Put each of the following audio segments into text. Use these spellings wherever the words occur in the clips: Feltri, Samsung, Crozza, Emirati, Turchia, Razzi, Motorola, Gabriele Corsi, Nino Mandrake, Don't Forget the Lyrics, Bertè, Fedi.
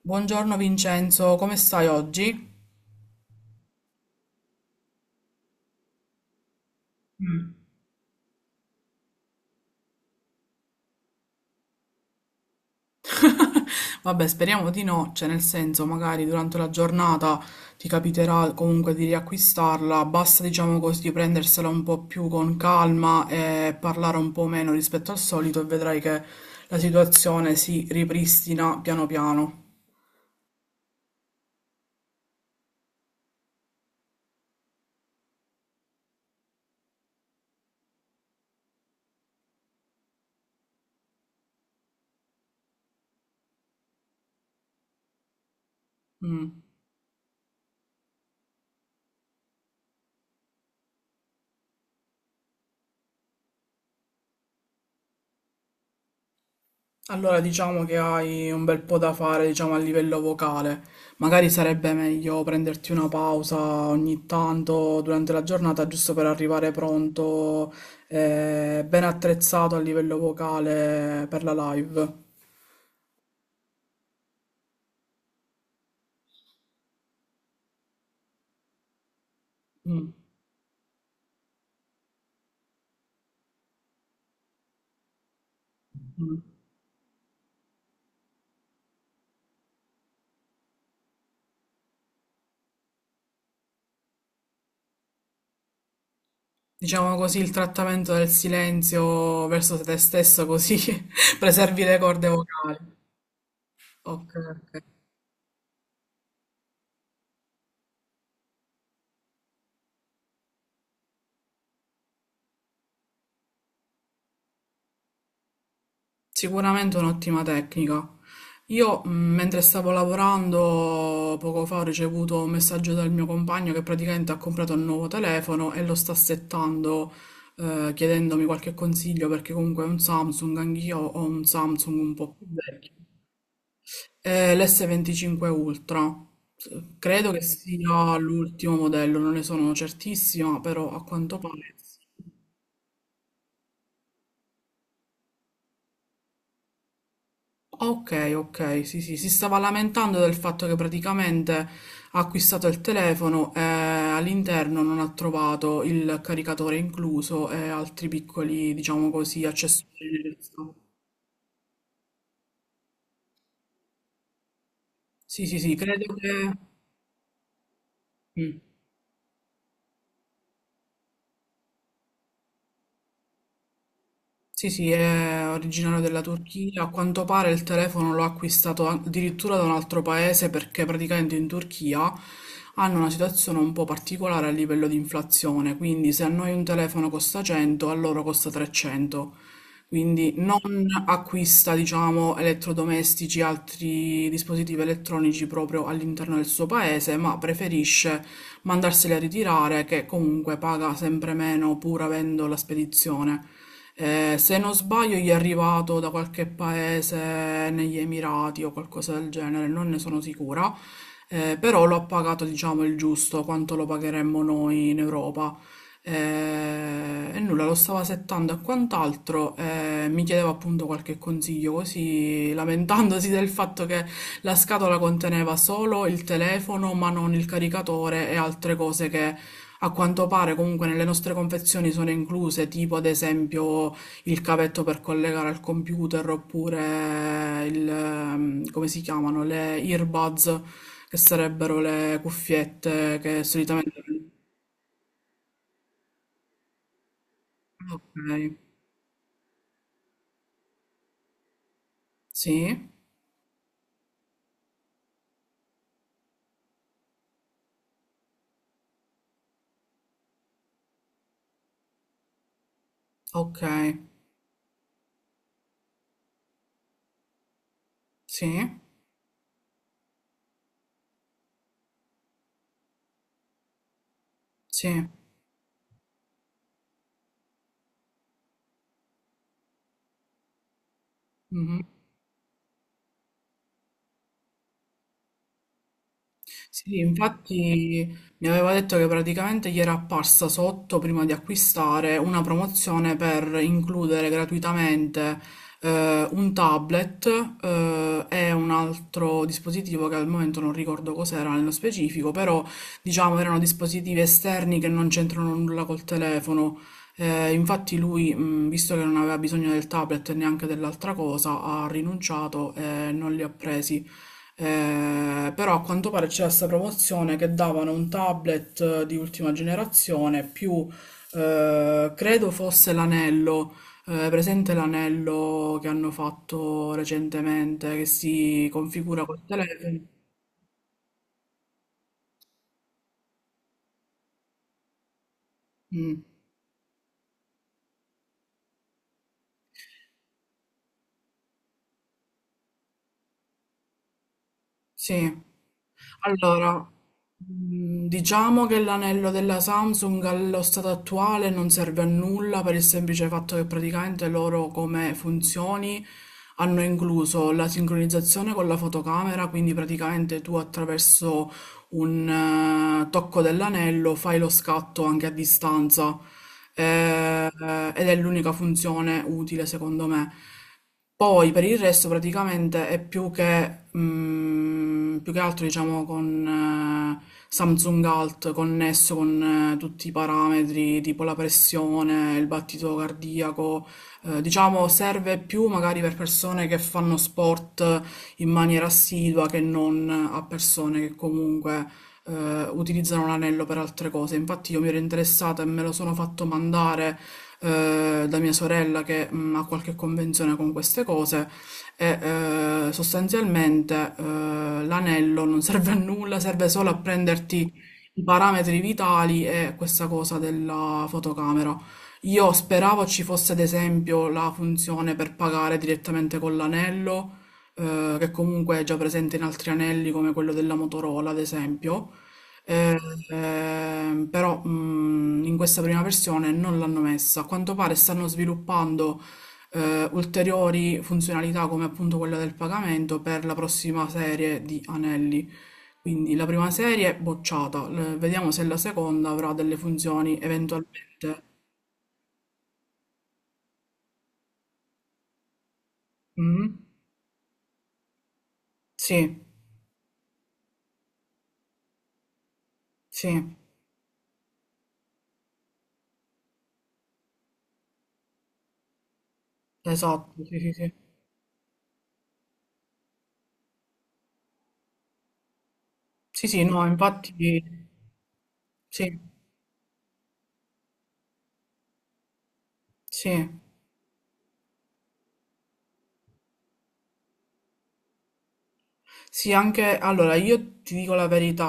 Buongiorno Vincenzo, come stai oggi? Vabbè, speriamo di no, cioè nel senso, magari durante la giornata ti capiterà comunque di riacquistarla, basta diciamo così prendersela un po' più con calma e parlare un po' meno rispetto al solito e vedrai che la situazione si ripristina piano piano. Mm. Allora diciamo che hai un bel po' da fare, diciamo, a livello vocale. Magari sarebbe meglio prenderti una pausa ogni tanto durante la giornata, giusto per arrivare pronto, ben attrezzato a livello vocale per la live. Mm, mm. Diciamo così, il trattamento del silenzio verso te stesso, così preservi le corde vocali. Ok, ok. Sicuramente è un'ottima tecnica. Io, mentre stavo lavorando, poco fa ho ricevuto un messaggio dal mio compagno che praticamente ha comprato un nuovo telefono e lo sta settando, chiedendomi qualche consiglio perché comunque è un Samsung, anch'io ho un Samsung un po' più vecchio. È l'S25 Ultra. Credo che sia l'ultimo modello, non ne sono certissima, però a quanto pare sì. Ok, ok, sì, sì, si stava lamentando del fatto che praticamente ha acquistato il telefono e all'interno non ha trovato il caricatore incluso e altri piccoli, diciamo così, accessori di resto. Sì, sì, sì, credo che... Mm. Sì, sì, è originario della Turchia. A quanto pare il telefono l'ho acquistato addirittura da un altro paese perché praticamente in Turchia hanno una situazione un po' particolare a livello di inflazione, quindi se a noi un telefono costa 100, a loro costa 300, quindi non acquista, diciamo, elettrodomestici e altri dispositivi elettronici proprio all'interno del suo paese, ma preferisce mandarseli a ritirare, che comunque paga sempre meno pur avendo la spedizione. Se non sbaglio, gli è arrivato da qualche paese negli Emirati o qualcosa del genere, non ne sono sicura, però lo ha pagato, diciamo, il giusto, quanto lo pagheremmo noi in Europa. E nulla, lo stavo settando e quant'altro, mi chiedeva appunto qualche consiglio, così lamentandosi del fatto che la scatola conteneva solo il telefono, ma non il caricatore e altre cose che a quanto pare comunque nelle nostre confezioni sono incluse, tipo ad esempio il cavetto per collegare al computer oppure il, come si chiamano, le earbuds, che sarebbero le cuffiette che solitamente... Ok. Sì, okay. Sì, sì. Mh-mh. Sì, infatti mi aveva detto che praticamente gli era apparsa sotto prima di acquistare una promozione per includere gratuitamente un tablet e un altro dispositivo che al momento non ricordo cos'era nello specifico, però diciamo erano dispositivi esterni che non c'entrano nulla col telefono. Infatti lui, visto che non aveva bisogno del tablet e neanche dell'altra cosa, ha rinunciato e non li ha presi. Però a quanto pare c'era questa promozione che davano un tablet di ultima generazione più credo fosse l'anello, presente l'anello che hanno fatto recentemente che si configura col telefono. Mm, sì. Allora, diciamo che l'anello della Samsung allo stato attuale non serve a nulla per il semplice fatto che praticamente loro come funzioni hanno incluso la sincronizzazione con la fotocamera, quindi praticamente tu attraverso un tocco dell'anello fai lo scatto anche a distanza, eh, ed è l'unica funzione utile secondo me. Poi per il resto praticamente è più che, più che altro diciamo con Samsung Alt connesso con tutti i parametri tipo la pressione, il battito cardiaco, diciamo serve più magari per persone che fanno sport in maniera assidua che non a persone che comunque utilizzano l'anello per altre cose. Infatti io mi ero interessata e me lo sono fatto mandare da mia sorella che ha qualche convenzione con queste cose e sostanzialmente l'anello non serve a nulla, serve solo a prenderti i parametri vitali e questa cosa della fotocamera. Io speravo ci fosse ad esempio la funzione per pagare direttamente con l'anello, che comunque è già presente in altri anelli come quello della Motorola, ad esempio, eh, però in questa prima versione non l'hanno messa. A quanto pare stanno sviluppando ulteriori funzionalità come appunto quella del pagamento per la prossima serie di anelli. Quindi la prima serie è bocciata, vediamo se la seconda avrà delle funzioni eventualmente. Mm? Sì, sì, esatto, sì, sì, sì. Sì, sì, no, infatti, sì, sì. Sì, anche, allora, io ti dico la verità,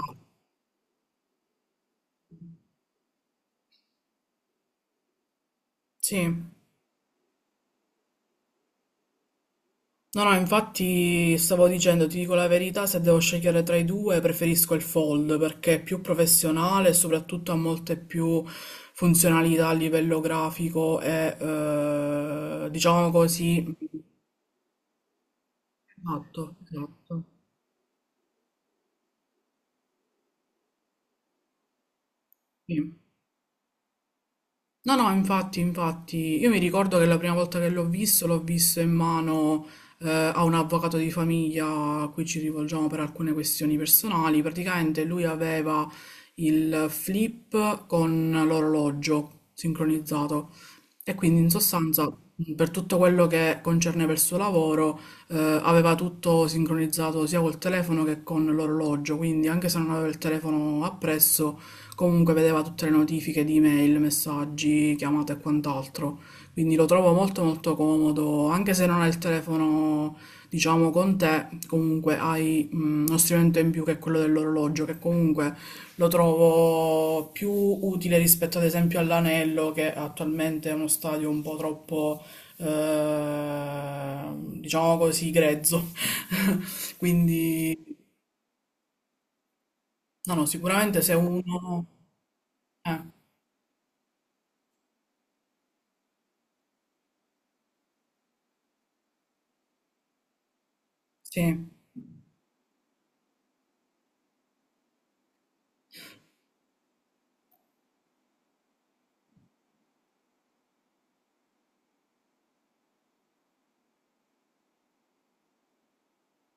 sì. No, no, infatti stavo dicendo, ti dico la verità, se devo scegliere tra i due preferisco il Fold perché è più professionale e soprattutto ha molte più funzionalità a livello grafico e diciamo così. Esatto, esatto. Sì. No, no, infatti, infatti, io mi ricordo che la prima volta che l'ho visto in mano a un avvocato di famiglia a cui ci rivolgiamo per alcune questioni personali. Praticamente lui aveva il flip con l'orologio sincronizzato e quindi in sostanza per tutto quello che concerneva il suo lavoro aveva tutto sincronizzato sia col telefono che con l'orologio, quindi anche se non aveva il telefono appresso comunque vedeva tutte le notifiche di email, messaggi, chiamate e quant'altro. Quindi lo trovo molto molto comodo, anche se non hai il telefono, diciamo, con te, comunque hai uno strumento in più che è quello dell'orologio, che comunque lo trovo più utile rispetto ad esempio all'anello, che attualmente è uno stadio un po' troppo, eh, diciamo così, grezzo. Quindi, no, no, sicuramente se uno... Eh, sì,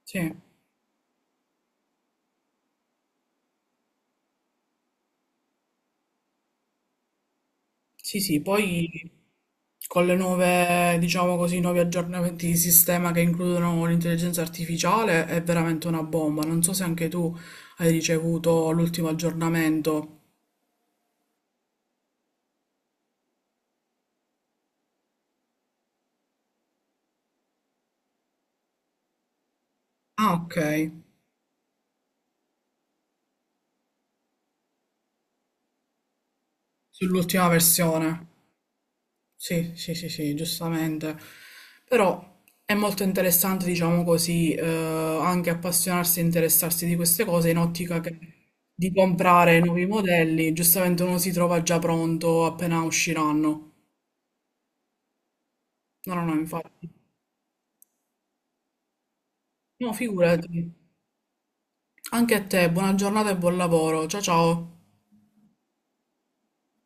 sì. Sì, sì, poi con le nuove, diciamo così, nuovi aggiornamenti di sistema che includono l'intelligenza artificiale è veramente una bomba. Non so se anche tu hai ricevuto l'ultimo aggiornamento. Ah, ok, sull'ultima versione. Sì, sì, sì, sì, giustamente. Però è molto interessante, diciamo così, anche appassionarsi e interessarsi di queste cose in ottica che- di comprare nuovi modelli. Giustamente uno si trova già pronto appena usciranno. No, no, no, infatti. No, figurati. Anche a te, buona giornata e buon lavoro. Ciao ciao.